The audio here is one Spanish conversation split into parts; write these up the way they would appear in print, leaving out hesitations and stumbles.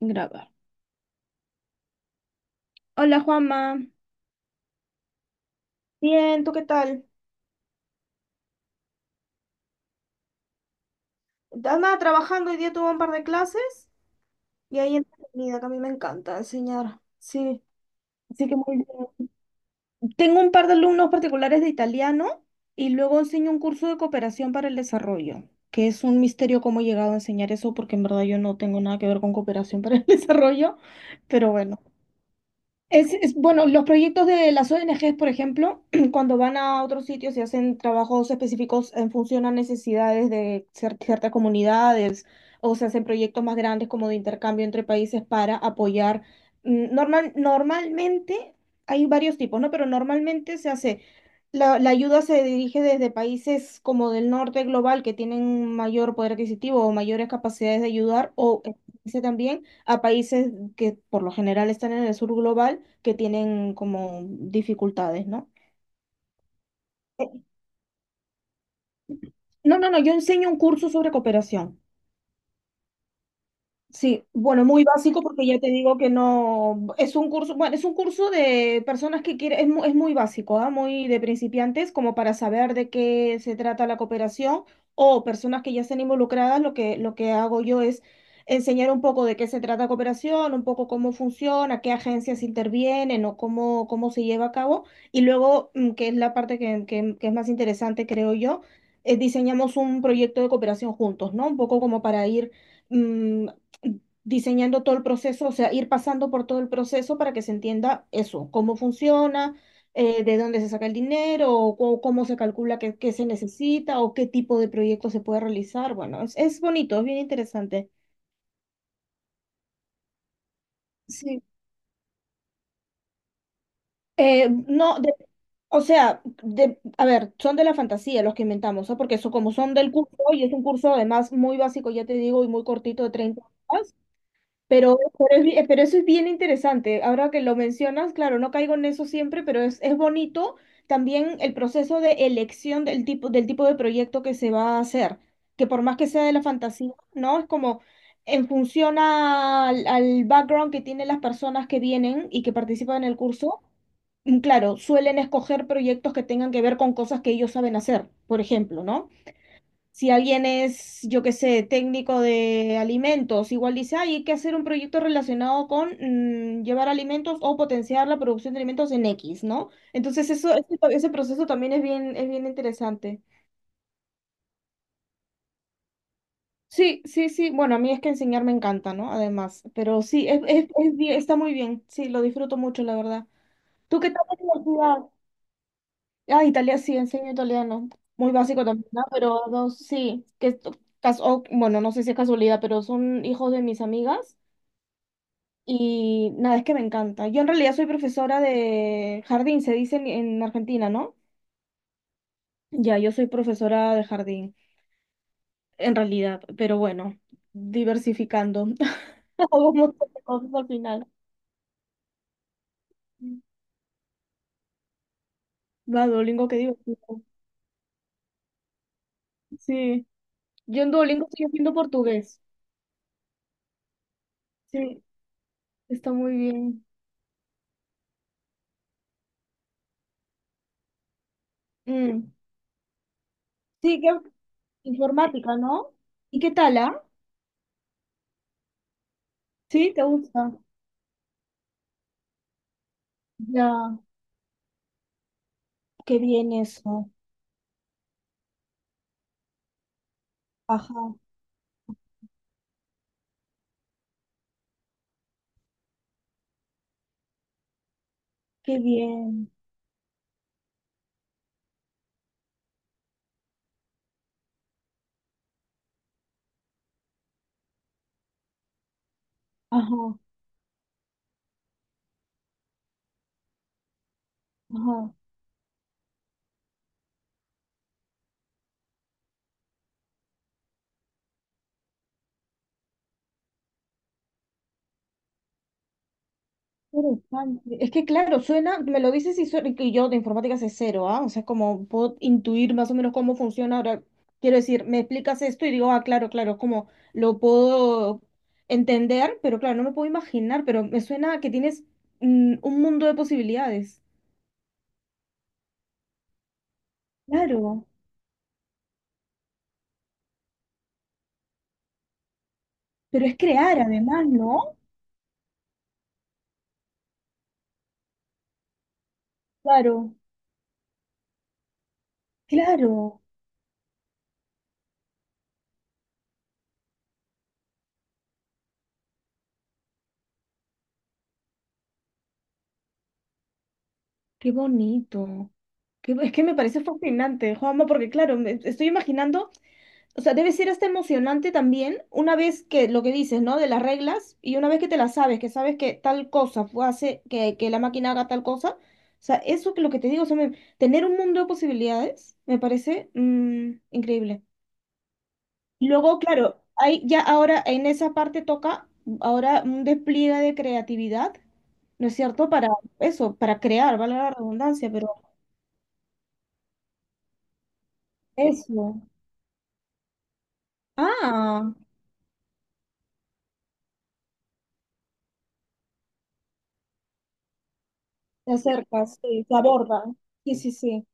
Grabar. Hola Juanma. Bien, ¿tú qué tal? Andaba trabajando, hoy día tuve un par de clases y ahí entretenida, que a mí me encanta enseñar. Sí, así que muy bien. Tengo un par de alumnos particulares de italiano y luego enseño un curso de cooperación para el desarrollo, que es un misterio cómo he llegado a enseñar eso porque en verdad yo no tengo nada que ver con cooperación para el desarrollo, pero bueno, Bueno, los proyectos de las ONGs, por ejemplo, cuando van a otros sitios y hacen trabajos específicos en función a necesidades de ciertas comunidades, o se hacen proyectos más grandes como de intercambio entre países para apoyar. Normalmente hay varios tipos, ¿no? Pero normalmente se hace, la ayuda se dirige desde países como del norte global que tienen mayor poder adquisitivo o mayores capacidades de ayudar, o también a países que por lo general están en el sur global que tienen como dificultades, ¿no? Eh, No no, no, yo enseño un curso sobre cooperación. Sí, bueno, muy básico porque ya te digo que no, es un curso, bueno, es un curso de personas que quieren, es muy básico, ¿ah? Muy de principiantes, como para saber de qué se trata la cooperación o personas que ya estén involucradas, lo que hago yo es enseñar un poco de qué se trata cooperación, un poco cómo funciona, qué agencias intervienen o cómo se lleva a cabo. Y luego, que es la parte que es más interesante, creo yo, diseñamos un proyecto de cooperación juntos, ¿no? Un poco como para ir mm, diseñando todo el proceso, o sea, ir pasando por todo el proceso para que se entienda eso, cómo funciona, de dónde se saca el dinero, o, cómo se calcula qué se necesita, o qué tipo de proyecto se puede realizar. Bueno, es bonito, es bien interesante. Sí. No, o sea, a ver, son de la fantasía los que inventamos, ¿ah? Porque eso, como son del curso, y es un curso además muy básico, ya te digo, y muy cortito de 30 horas. Pero, pero eso es bien interesante. Ahora que lo mencionas, claro, no caigo en eso siempre, pero es bonito también el proceso de elección del tipo de proyecto que se va a hacer, que por más que sea de la fantasía, ¿no? Es como en función al background que tienen las personas que vienen y que participan en el curso. Claro, suelen escoger proyectos que tengan que ver con cosas que ellos saben hacer, por ejemplo, ¿no? Si alguien es, yo qué sé, técnico de alimentos, igual dice, "Ay, hay que hacer un proyecto relacionado con llevar alimentos o potenciar la producción de alimentos en X, ¿no?" Entonces eso, ese proceso también es bien interesante. Sí, sí, sí. Bueno, a mí es que enseñar me encanta, ¿no? Además, pero sí, está muy bien. Sí, lo disfruto mucho, la verdad. ¿Tú qué tal la universidad? Ah, Italia, sí, enseño italiano. Muy básico también, ¿no? Pero dos, sí, que esto, bueno, no sé si es casualidad, pero son hijos de mis amigas y nada, es que me encanta. Yo en realidad soy profesora de jardín, se dice en Argentina, ¿no? Ya, yo soy profesora de jardín, en realidad, pero bueno, diversificando. Hago un montón de cosas al final. Va, Duolingo, qué divertido. Sí, yo en Duolingo estoy haciendo portugués. Sí, está muy bien. Mm. Sí, Informática, ¿no? ¿Y qué tal, ah? ¿Sí? ¿Te gusta? Ya, qué bien eso. Ajá, qué bien. Ajá, ajá. Interesante. Es que claro, suena, me lo dices y, suena, y yo de informática sé cero, ¿ah? O sea, como puedo intuir más o menos cómo funciona. Ahora, quiero decir, me explicas esto y digo, ah, claro, claro, como lo puedo entender, pero claro, no me puedo imaginar, pero me suena a que tienes un mundo de posibilidades. Claro, pero es crear además, ¿no? Claro. Claro, qué bonito. Es que me parece fascinante, Juanma, porque claro, me estoy imaginando, o sea, debe ser hasta emocionante también una vez que lo que dices, ¿no? De las reglas y una vez que te las sabes que tal cosa hace que la máquina haga tal cosa. O sea, eso que lo que te digo, o sea, tener un mundo de posibilidades me parece increíble. Luego, claro, hay ya ahora en esa parte toca ahora un despliegue de creatividad, ¿no es cierto? Para eso, para crear, vale la redundancia, pero eso. Ah, se acerca, sí, se aborda. Sí, sí, sí.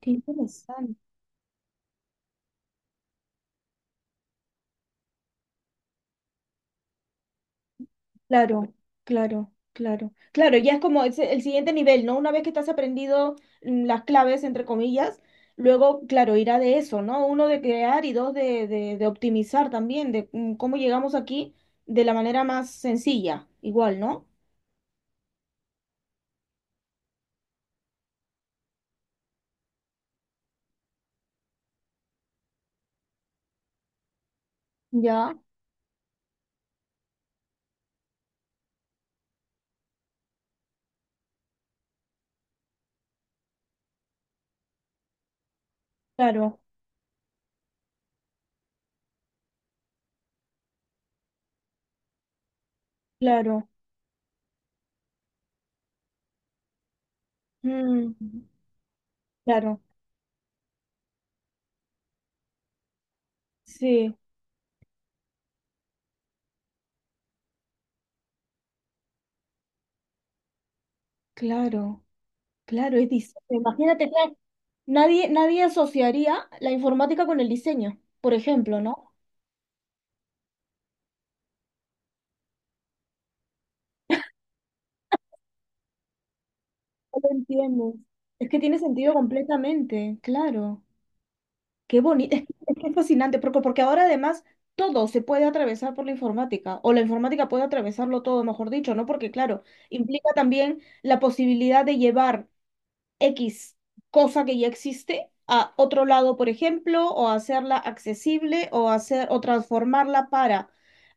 Qué interesante. Claro, claro, claro. Claro, ya es como es el siguiente nivel, ¿no? Una vez que estás aprendido las claves, entre comillas, luego, claro, irá de eso, ¿no? Uno de crear y dos de optimizar también, de cómo llegamos aquí de la manera más sencilla, igual, ¿no? Ya, claro, claro. Mm, claro, sí, claro, claro, es diseño. Imagínate, claro, nadie, nadie asociaría la informática con el diseño, por ejemplo, ¿no? Lo entiendo. Es que tiene sentido completamente, claro. Qué bonito, es que es fascinante, porque ahora además todo se puede atravesar por la informática, o la informática puede atravesarlo todo, mejor dicho, ¿no? Porque claro, implica también la posibilidad de llevar X cosa que ya existe a otro lado, por ejemplo, o hacerla accesible, o hacer, o transformarla para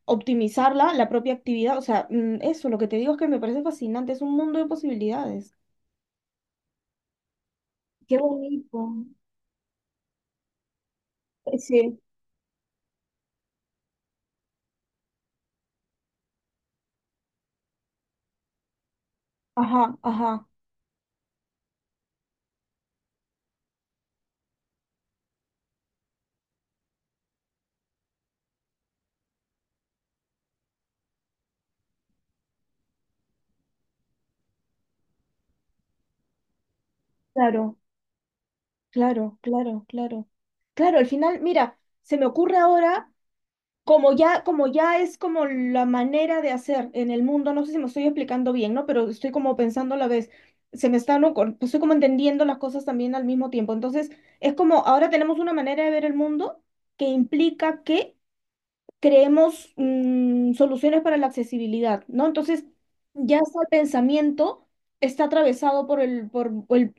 optimizarla, la propia actividad. O sea, eso, lo que te digo es que me parece fascinante, es un mundo de posibilidades. Qué bonito. Sí, ajá, ajá, claro, claro, claro, claro. Claro, al final, mira, se me ocurre ahora, como ya es como la manera de hacer en el mundo, no sé si me estoy explicando bien, ¿no? Pero estoy como pensando a la vez, se me están, ocur- estoy como entendiendo las cosas también al mismo tiempo. Entonces, es como ahora tenemos una manera de ver el mundo que implica que creemos soluciones para la accesibilidad, ¿no? Entonces, ya está el pensamiento, está atravesado por el,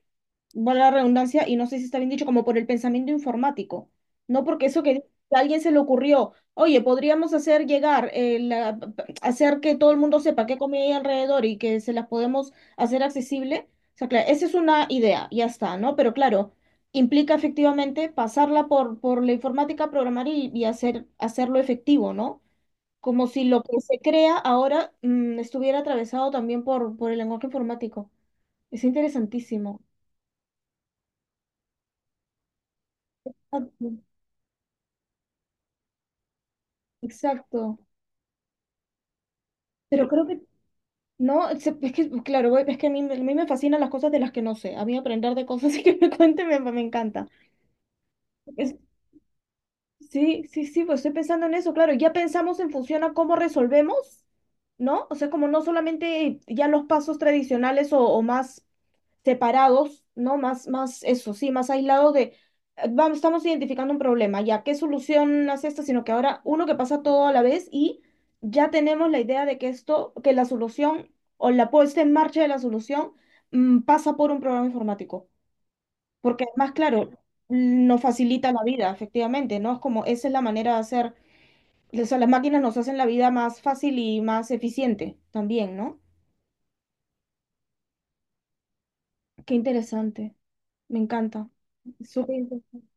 valga la redundancia, y no sé si está bien dicho, como por el pensamiento informático, ¿no? Porque eso que a alguien se le ocurrió, oye, podríamos hacer llegar, hacer que todo el mundo sepa qué comida hay alrededor y que se las podemos hacer accesible. O sea, claro, esa es una idea, ya está, ¿no? Pero claro, implica efectivamente pasarla por la informática, programar y hacerlo efectivo, ¿no? Como si lo que se crea ahora estuviera atravesado también por el lenguaje informático. Es interesantísimo. Exacto. Exacto. Pero creo que, no, es que, claro, es que a mí me fascinan las cosas de las que no sé. A mí aprender de cosas que me cuenten me encanta. Sí, sí, sí, pues estoy pensando en eso, claro, ya pensamos en función a cómo resolvemos, ¿no? O sea, como no solamente ya los pasos tradicionales o más separados, ¿no? Más, más eso, sí, más aislados vamos, estamos identificando un problema, ya, ¿qué solución hace esta? Sino que ahora uno que pasa todo a la vez y ya tenemos la idea de que esto, que la solución o la puesta en marcha de la solución, pasa por un programa informático. Porque además, claro, nos facilita la vida, efectivamente, ¿no? Es como esa es la manera de hacer, o sea, las máquinas nos hacen la vida más fácil y más eficiente también, ¿no? Qué interesante, me encanta. Súper interesante.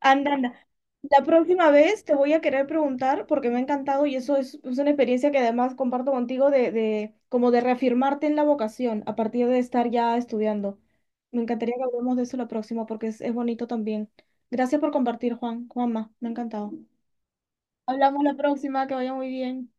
Anda, anda. La próxima vez te voy a querer preguntar, porque me ha encantado y eso es una experiencia que además comparto contigo de como de reafirmarte en la vocación a partir de estar ya estudiando. Me encantaría que hablemos de eso la próxima porque es bonito también. Gracias por compartir, Juanma, me ha encantado. Hablamos la próxima, que vaya muy bien.